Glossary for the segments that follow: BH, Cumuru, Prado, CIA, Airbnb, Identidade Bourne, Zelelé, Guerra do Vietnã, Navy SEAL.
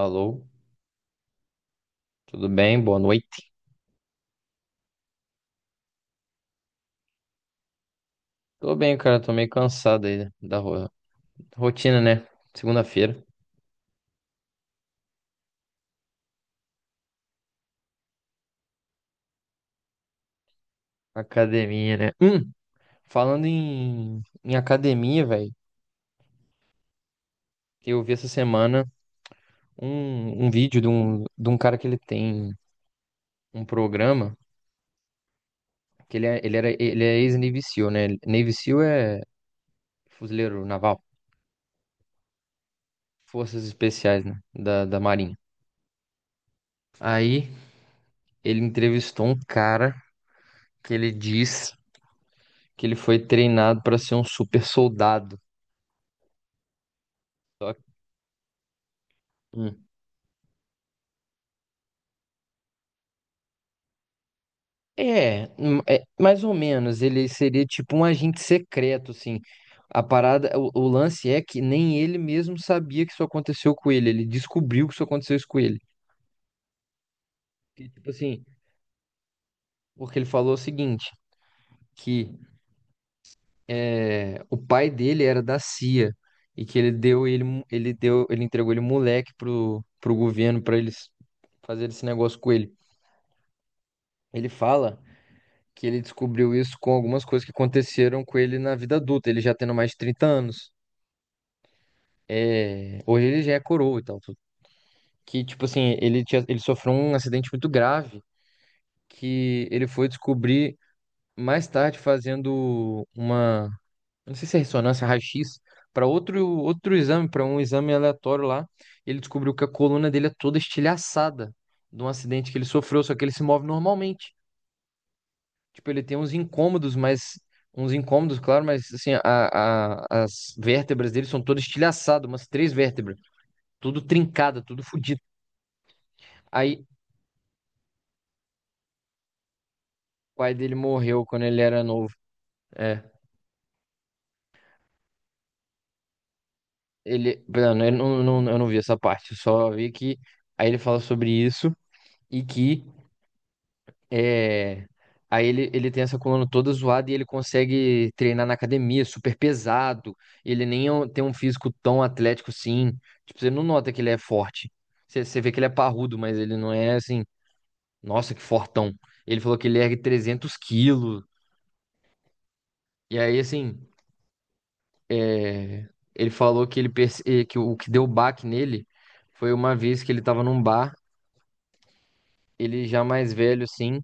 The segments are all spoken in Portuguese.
Alô, tudo bem? Boa noite. Tô bem, cara. Tô meio cansado aí da rotina, né? Segunda-feira, academia, né? Falando em academia, velho, eu vi essa semana um vídeo de um cara que ele tem um programa que ele é ex-Navy SEAL, né? Navy SEAL é fuzileiro naval, forças especiais, né? Da Marinha. Aí ele entrevistou um cara que ele diz que ele foi treinado para ser um super soldado. Só que- Hum. É, é, mais ou menos. Ele seria tipo um agente secreto, assim. A parada, o lance é que nem ele mesmo sabia que isso aconteceu com ele. Ele descobriu que isso aconteceu isso com ele. E, tipo assim, porque ele falou o seguinte, que é, o pai dele era da CIA e que ele deu ele, mo- ele deu, ele entregou ele moleque pro governo para eles fazerem esse negócio com ele. Ele fala que ele descobriu isso com algumas coisas que aconteceram com ele na vida adulta, ele já tendo mais de 30 anos. É, hoje ele já é coroa e tal. Que, tipo assim, ele tinha, ele sofreu um acidente muito grave que ele foi descobrir mais tarde fazendo uma, não sei se é ressonância, raio-x, para outro exame, para um exame aleatório lá. Ele descobriu que a coluna dele é toda estilhaçada de um acidente que ele sofreu, só que ele se move normalmente. Tipo, ele tem uns incômodos, mas. Uns incômodos, claro, mas assim, as vértebras dele são todas estilhaçadas, umas três vértebras, tudo trincada, tudo fodido. Pai dele morreu quando ele era novo. É. Ele, não, eu não vi essa parte, eu só vi que aí ele fala sobre isso e que é, aí ele tem essa coluna toda zoada e ele consegue treinar na academia, super pesado. Ele nem é um- tem um físico tão atlético assim. Tipo, você não nota que ele é forte. Você vê que ele é parrudo, mas ele não é assim, nossa, que fortão. Ele falou que ele ergue 300 quilos. E aí, assim. É, ele falou que que o que deu baque nele foi uma vez que ele estava num bar, ele já mais velho assim,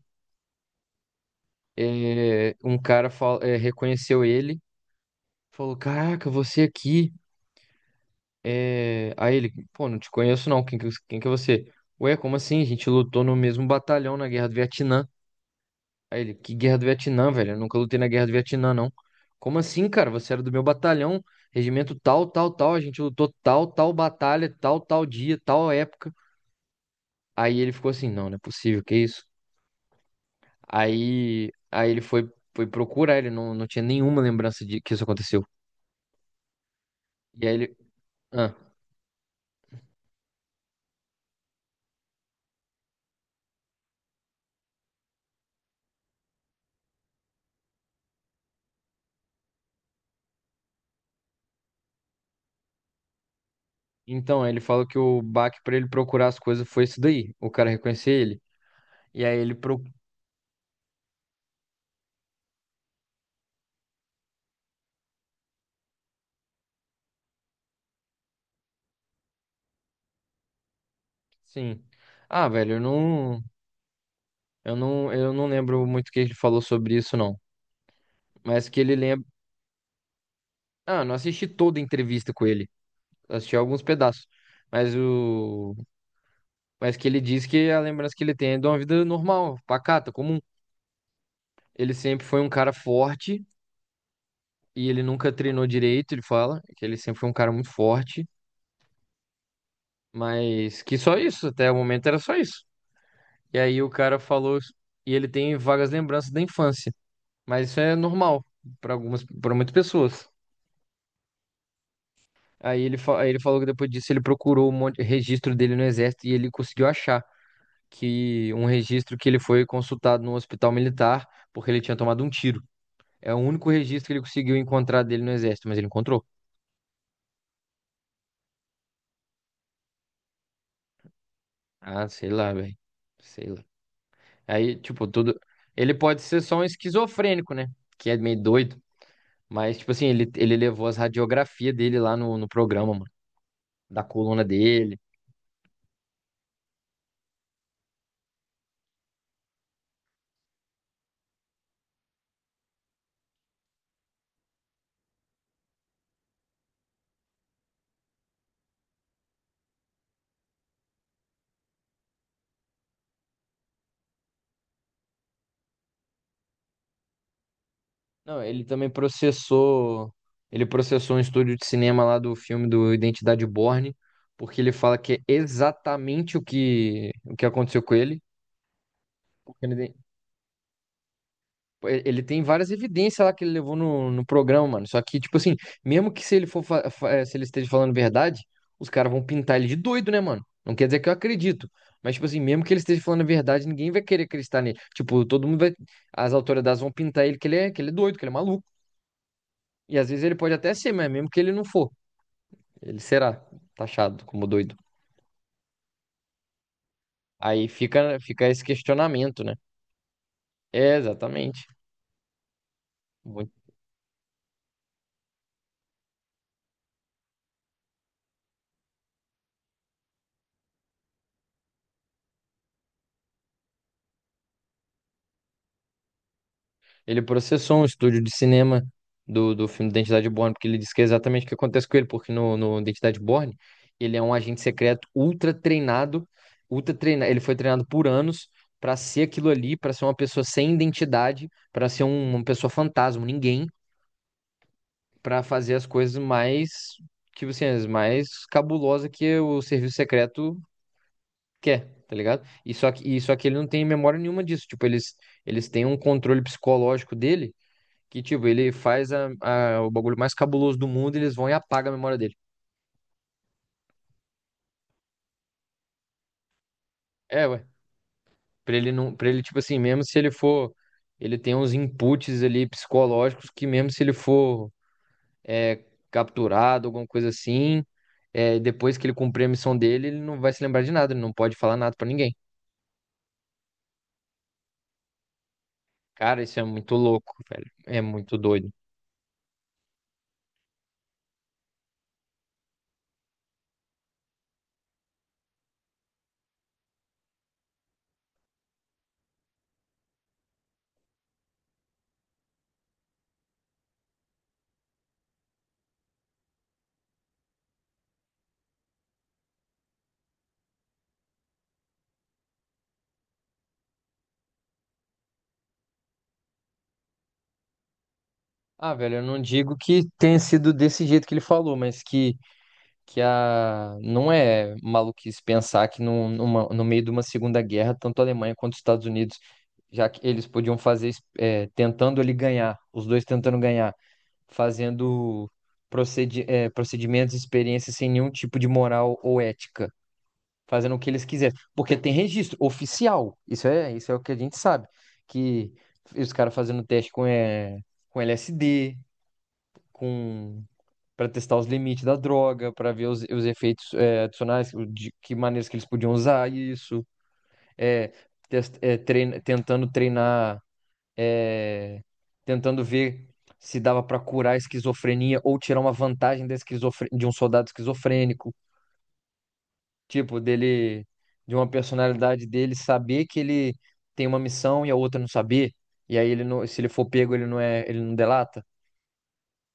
reconheceu ele, falou: "Caraca, você aqui?" Aí ele: "Pô, não te conheço não, quem que é você?" "Ué, como assim? A gente lutou no mesmo batalhão na Guerra do Vietnã." Aí ele: "Que Guerra do Vietnã, velho? Eu nunca lutei na Guerra do Vietnã não." "Como assim, cara? Você era do meu batalhão, regimento tal, tal, tal, a gente lutou tal, tal batalha, tal, tal dia, tal época." Aí ele ficou assim, não, não é possível, que isso? Aí ele foi, foi procurar, ele não, não tinha nenhuma lembrança de que isso aconteceu. E aí ele, ah, então, aí ele falou que o baque pra ele procurar as coisas foi isso daí, o cara reconhecer ele. E aí ele, pro... sim, ah, velho, eu não lembro muito o que ele falou sobre isso, não. Mas que ele lembra, ah, não assisti toda a entrevista com ele, assisti alguns pedaços. Mas o, mas que ele diz que a lembrança que ele tem é de uma vida normal, pacata, comum. Ele sempre foi um cara forte e ele nunca treinou direito, ele fala, que ele sempre foi um cara muito forte, mas que só isso, até o momento era só isso. E aí o cara falou, e ele tem vagas lembranças da infância, mas isso é normal para para muitas pessoas. Aí ele falou que depois disso ele procurou um monte, registro dele no exército e ele conseguiu achar que um registro que ele foi consultado no hospital militar porque ele tinha tomado um tiro. É o único registro que ele conseguiu encontrar dele no exército, mas ele encontrou. Ah, sei lá, velho. Sei lá. Aí, tipo, tudo. Ele pode ser só um esquizofrênico, né? Que é meio doido. Mas, tipo assim, ele levou as radiografias dele lá no programa, mano. Da coluna dele. Não, ele também processou. Ele processou um estúdio de cinema lá do filme do Identidade Borne, porque ele fala que é exatamente o que aconteceu com ele. Porque no Iden- Ele tem várias evidências lá que ele levou no programa, mano. Só que, tipo assim, mesmo que se ele for, fa- fa- eh, se ele esteja falando verdade, os caras vão pintar ele de doido, né, mano? Não quer dizer que eu acredito. Mas, tipo assim, mesmo que ele esteja falando a verdade, ninguém vai querer acreditar nele. Tipo, todo mundo vai. As autoridades vão pintar ele que que ele é doido, que ele é maluco. E às vezes ele pode até ser, mas mesmo que ele não for, ele será taxado como doido. Fica esse questionamento, né? É, exatamente. Ele processou um estúdio de cinema do filme Identidade Bourne, porque ele disse que é exatamente o que acontece com ele, porque no Identidade Bourne, ele é um agente secreto ultra treinado, ele foi treinado por anos para ser aquilo ali, para ser uma pessoa sem identidade, uma pessoa fantasma, um ninguém, para fazer as coisas mais, tipo assim, as mais cabulosa que o serviço secreto quer. Tá ligado? E só que ele não tem memória nenhuma disso. Tipo, eles têm um controle psicológico dele que, tipo, ele faz o bagulho mais cabuloso do mundo e eles vão e apagam a memória dele. É, ué. Pra ele não. Pra ele, tipo assim, mesmo se ele for. Ele tem uns inputs ali psicológicos que, mesmo se ele for é, capturado, alguma coisa assim, é, depois que ele cumprir a missão dele, ele não vai se lembrar de nada, ele não pode falar nada pra ninguém. Cara, isso é muito louco, velho. É muito doido. Ah, velho, eu não digo que tenha sido desse jeito que ele falou, mas que. Que a... não é maluquice pensar que no meio de uma Segunda Guerra, tanto a Alemanha quanto os Estados Unidos, já que eles podiam fazer, tentando ali ganhar, os dois tentando ganhar, fazendo procedimentos e experiências sem nenhum tipo de moral ou ética, fazendo o que eles quiserem. Porque tem registro oficial, isso é o que a gente sabe, que os caras fazendo teste com, é, com LSD, com para testar os limites da droga, para ver os efeitos é, adicionais, o de que maneiras que eles podiam usar isso, é, tentando treinar, é, tentando ver se dava para curar a esquizofrenia ou tirar uma vantagem da de um soldado esquizofrênico, tipo dele, de uma personalidade dele saber que ele tem uma missão e a outra não saber, e aí ele não, se ele for pego ele não delata.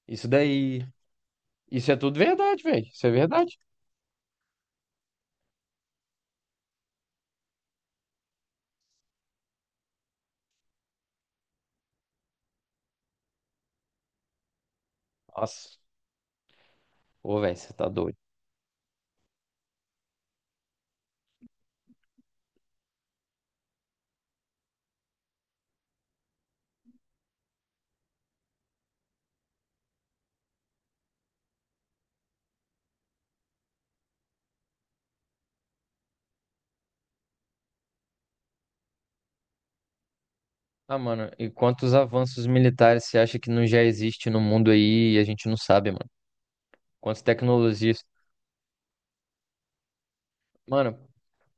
Isso daí, isso é tudo verdade, velho. Isso é verdade. Nossa. Pô, velho, você tá doido. Ah, mano, e quantos avanços militares você acha que não já existe no mundo aí e a gente não sabe, mano? Quantas tecnologias? Mano,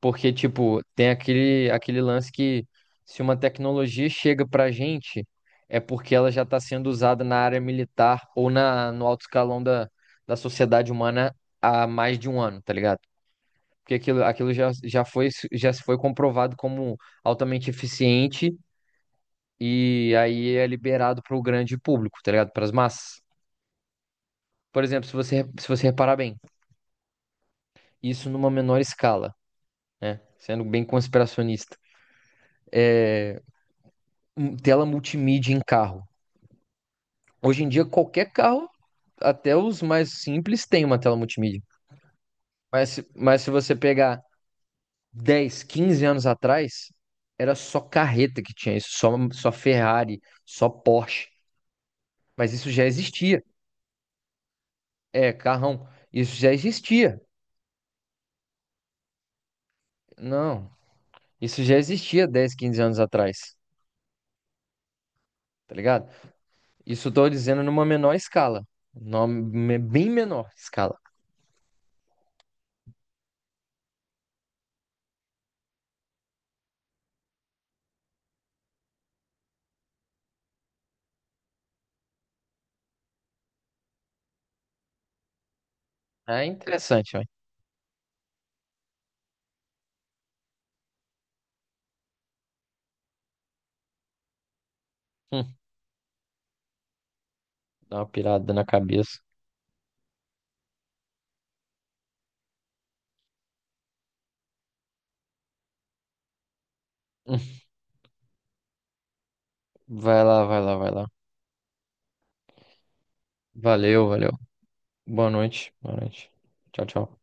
porque, tipo, tem aquele lance que se uma tecnologia chega pra gente, é porque ela já tá sendo usada na área militar ou na, no alto escalão da sociedade humana há mais de um ano, tá ligado? Porque aquilo já, já foi, já se foi comprovado como altamente eficiente e aí é liberado para o grande público, tá ligado? Para as massas. Por exemplo, se você reparar bem, isso numa menor escala, né? Sendo bem conspiracionista. Tela multimídia em carro. Hoje em dia, qualquer carro, até os mais simples, tem uma tela multimídia. Mas se você pegar 10, 15 anos atrás, era só carreta que tinha isso, só Ferrari, só Porsche. Mas isso já existia. É, carrão. Isso já existia. Não, isso já existia 10, 15 anos atrás, tá ligado? Isso estou dizendo numa menor escala, bem menor escala. É interessante, ó. Hum, dá uma pirada na cabeça. Hum, vai lá, vai lá, vai lá. Valeu, valeu. Boa noite, boa noite. Tchau, tchau.